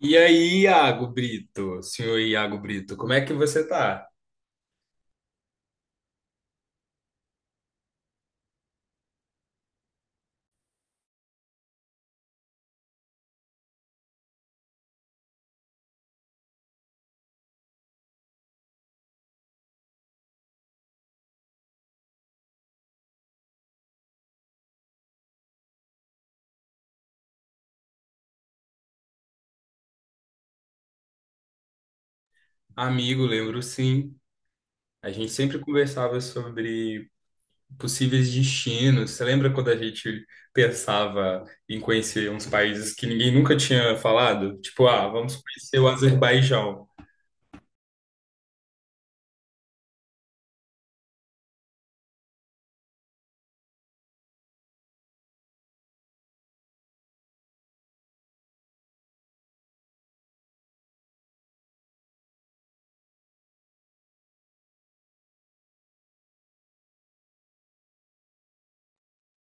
E aí, Iago Brito, senhor Iago Brito, como é que você tá? Amigo, lembro sim. A gente sempre conversava sobre possíveis destinos. Você lembra quando a gente pensava em conhecer uns países que ninguém nunca tinha falado? Tipo, ah, vamos conhecer o Azerbaijão.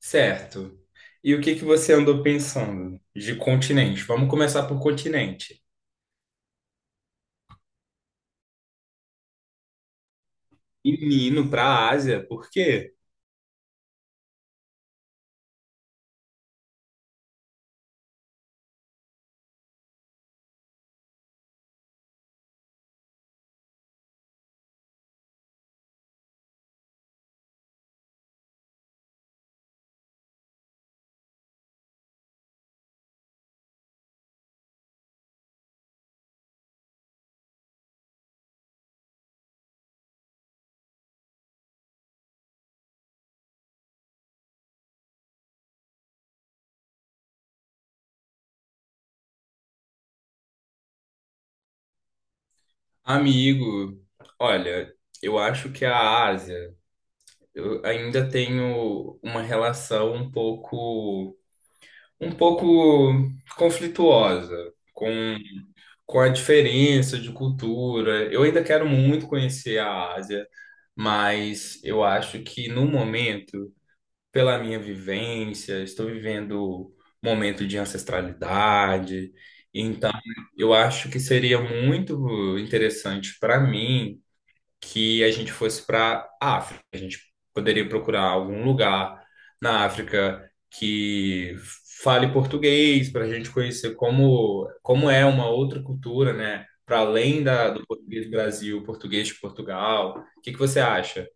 Certo. E o que que você andou pensando de continente? Vamos começar por continente. Menino, para a Ásia, por quê? Amigo, olha, eu acho que a Ásia. Eu ainda tenho uma relação um pouco conflituosa com, com a diferença de cultura. Eu ainda quero muito conhecer a Ásia, mas eu acho que no momento, pela minha vivência, estou vivendo momento de ancestralidade, então eu acho que seria muito interessante para mim que a gente fosse para a África. A gente poderia procurar algum lugar na África que fale português para a gente conhecer como, como é uma outra cultura, né? Para além do português do Brasil, português de Portugal. O que que você acha?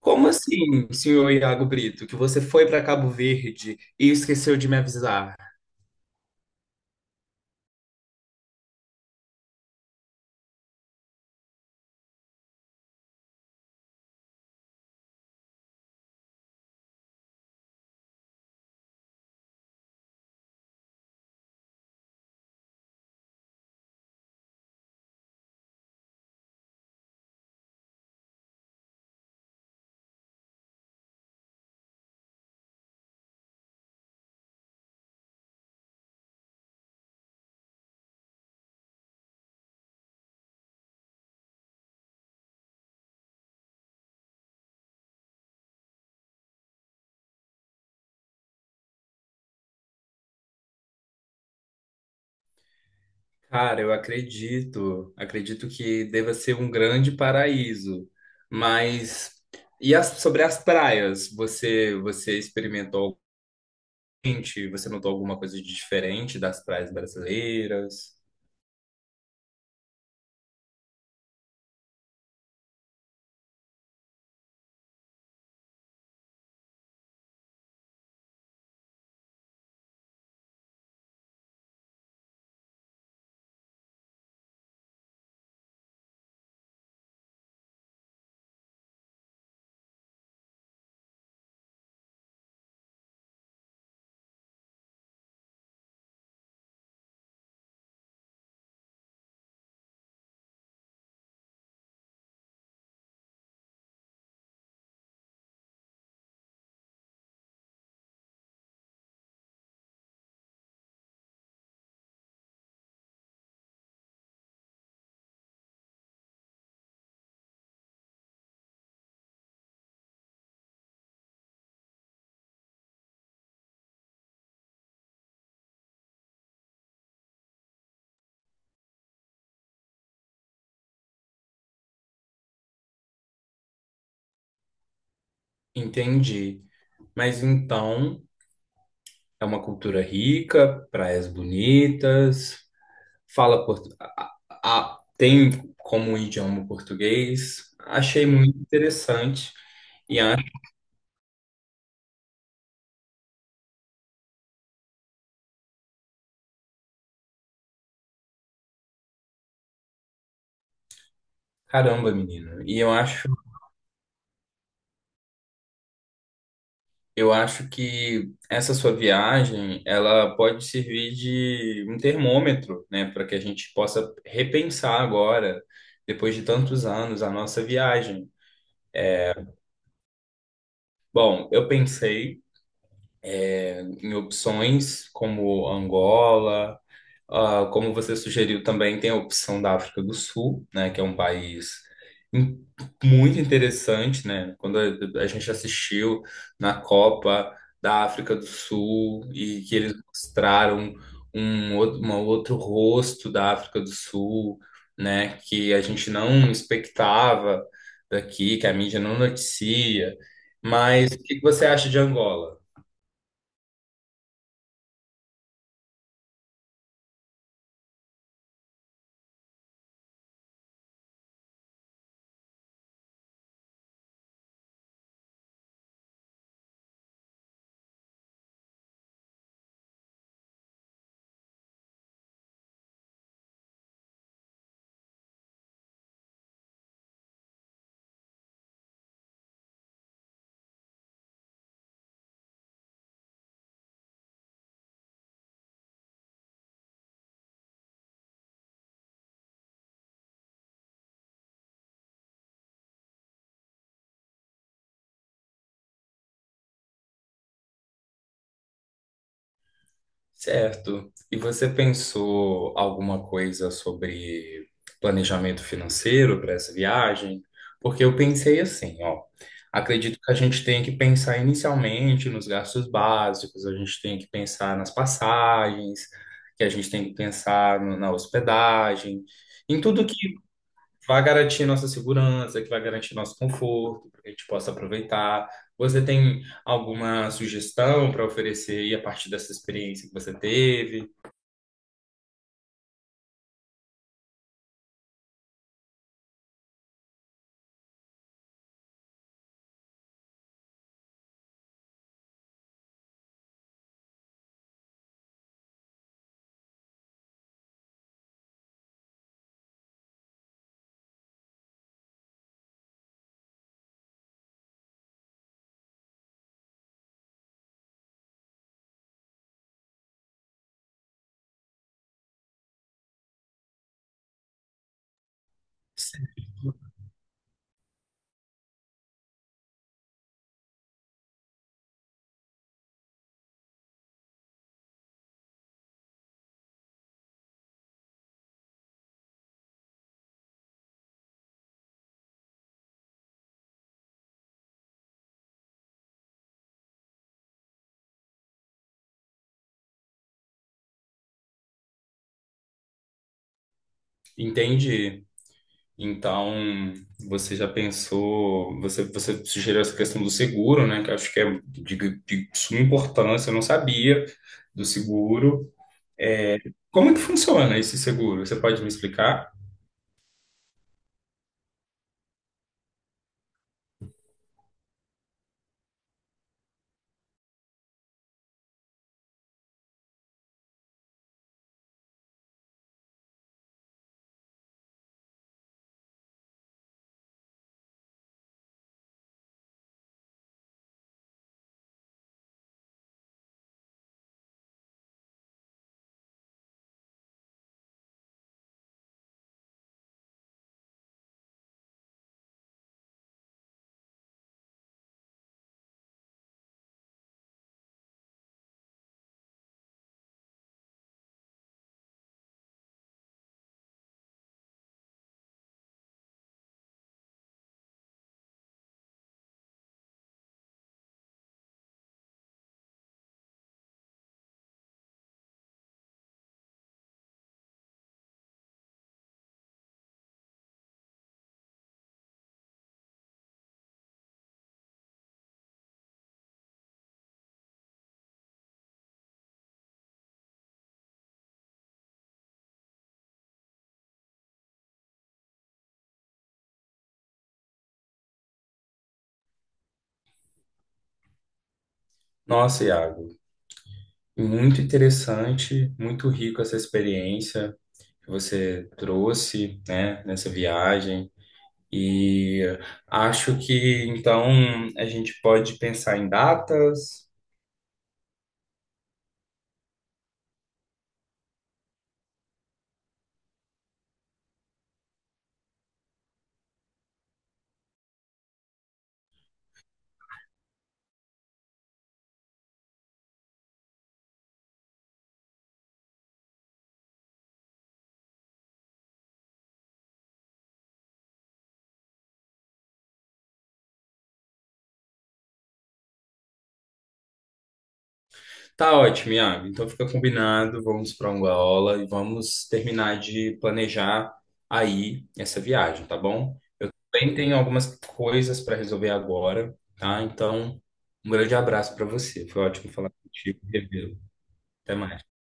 Como assim, senhor Iago Brito, que você foi para Cabo Verde e esqueceu de me avisar? Cara, eu acredito, acredito que deva ser um grande paraíso. Mas e sobre as praias, você experimentou gente, você notou alguma coisa de diferente das praias brasileiras? Entendi. Mas então é uma cultura rica, praias bonitas, fala portu... a- a- tem como um idioma português. Achei muito interessante e caramba, menino. Eu acho que essa sua viagem, ela pode servir de um termômetro, né, para que a gente possa repensar agora, depois de tantos anos, a nossa viagem. Bom, eu pensei em opções como Angola, ah, como você sugeriu, também tem a opção da África do Sul, né, que é um país in- muito interessante, né? Quando a gente assistiu na Copa da África do Sul e que eles mostraram uma outro rosto da África do Sul, né, que a gente não expectava daqui, que a mídia não noticia. Mas o que que você acha de Angola? Certo. E você pensou alguma coisa sobre planejamento financeiro para essa viagem? Porque eu pensei assim, ó. Acredito que a gente tem que pensar inicialmente nos gastos básicos, a gente tem que pensar nas passagens, que a gente tem que pensar na hospedagem, em tudo que vai garantir nossa segurança, que vai garantir nosso conforto, para que a gente possa aproveitar. Você tem alguma sugestão para oferecer aí a partir dessa experiência que você teve? Entendi. Então, você já pensou, você sugeriu essa questão do seguro, né? Que eu acho que é de suma importância, eu não sabia do seguro. É, como é que funciona esse seguro? Você pode me explicar? Nossa, Iago, muito interessante, muito rico essa experiência que você trouxe, né, nessa viagem. E acho que então a gente pode pensar em datas. Tá ótimo, Iago. Então fica combinado, vamos para Angola e vamos terminar de planejar aí essa viagem, tá bom? Bem, tem algumas coisas para resolver agora, tá? Então, um grande abraço para você. Foi ótimo falar contigo, revê-lo. Até mais.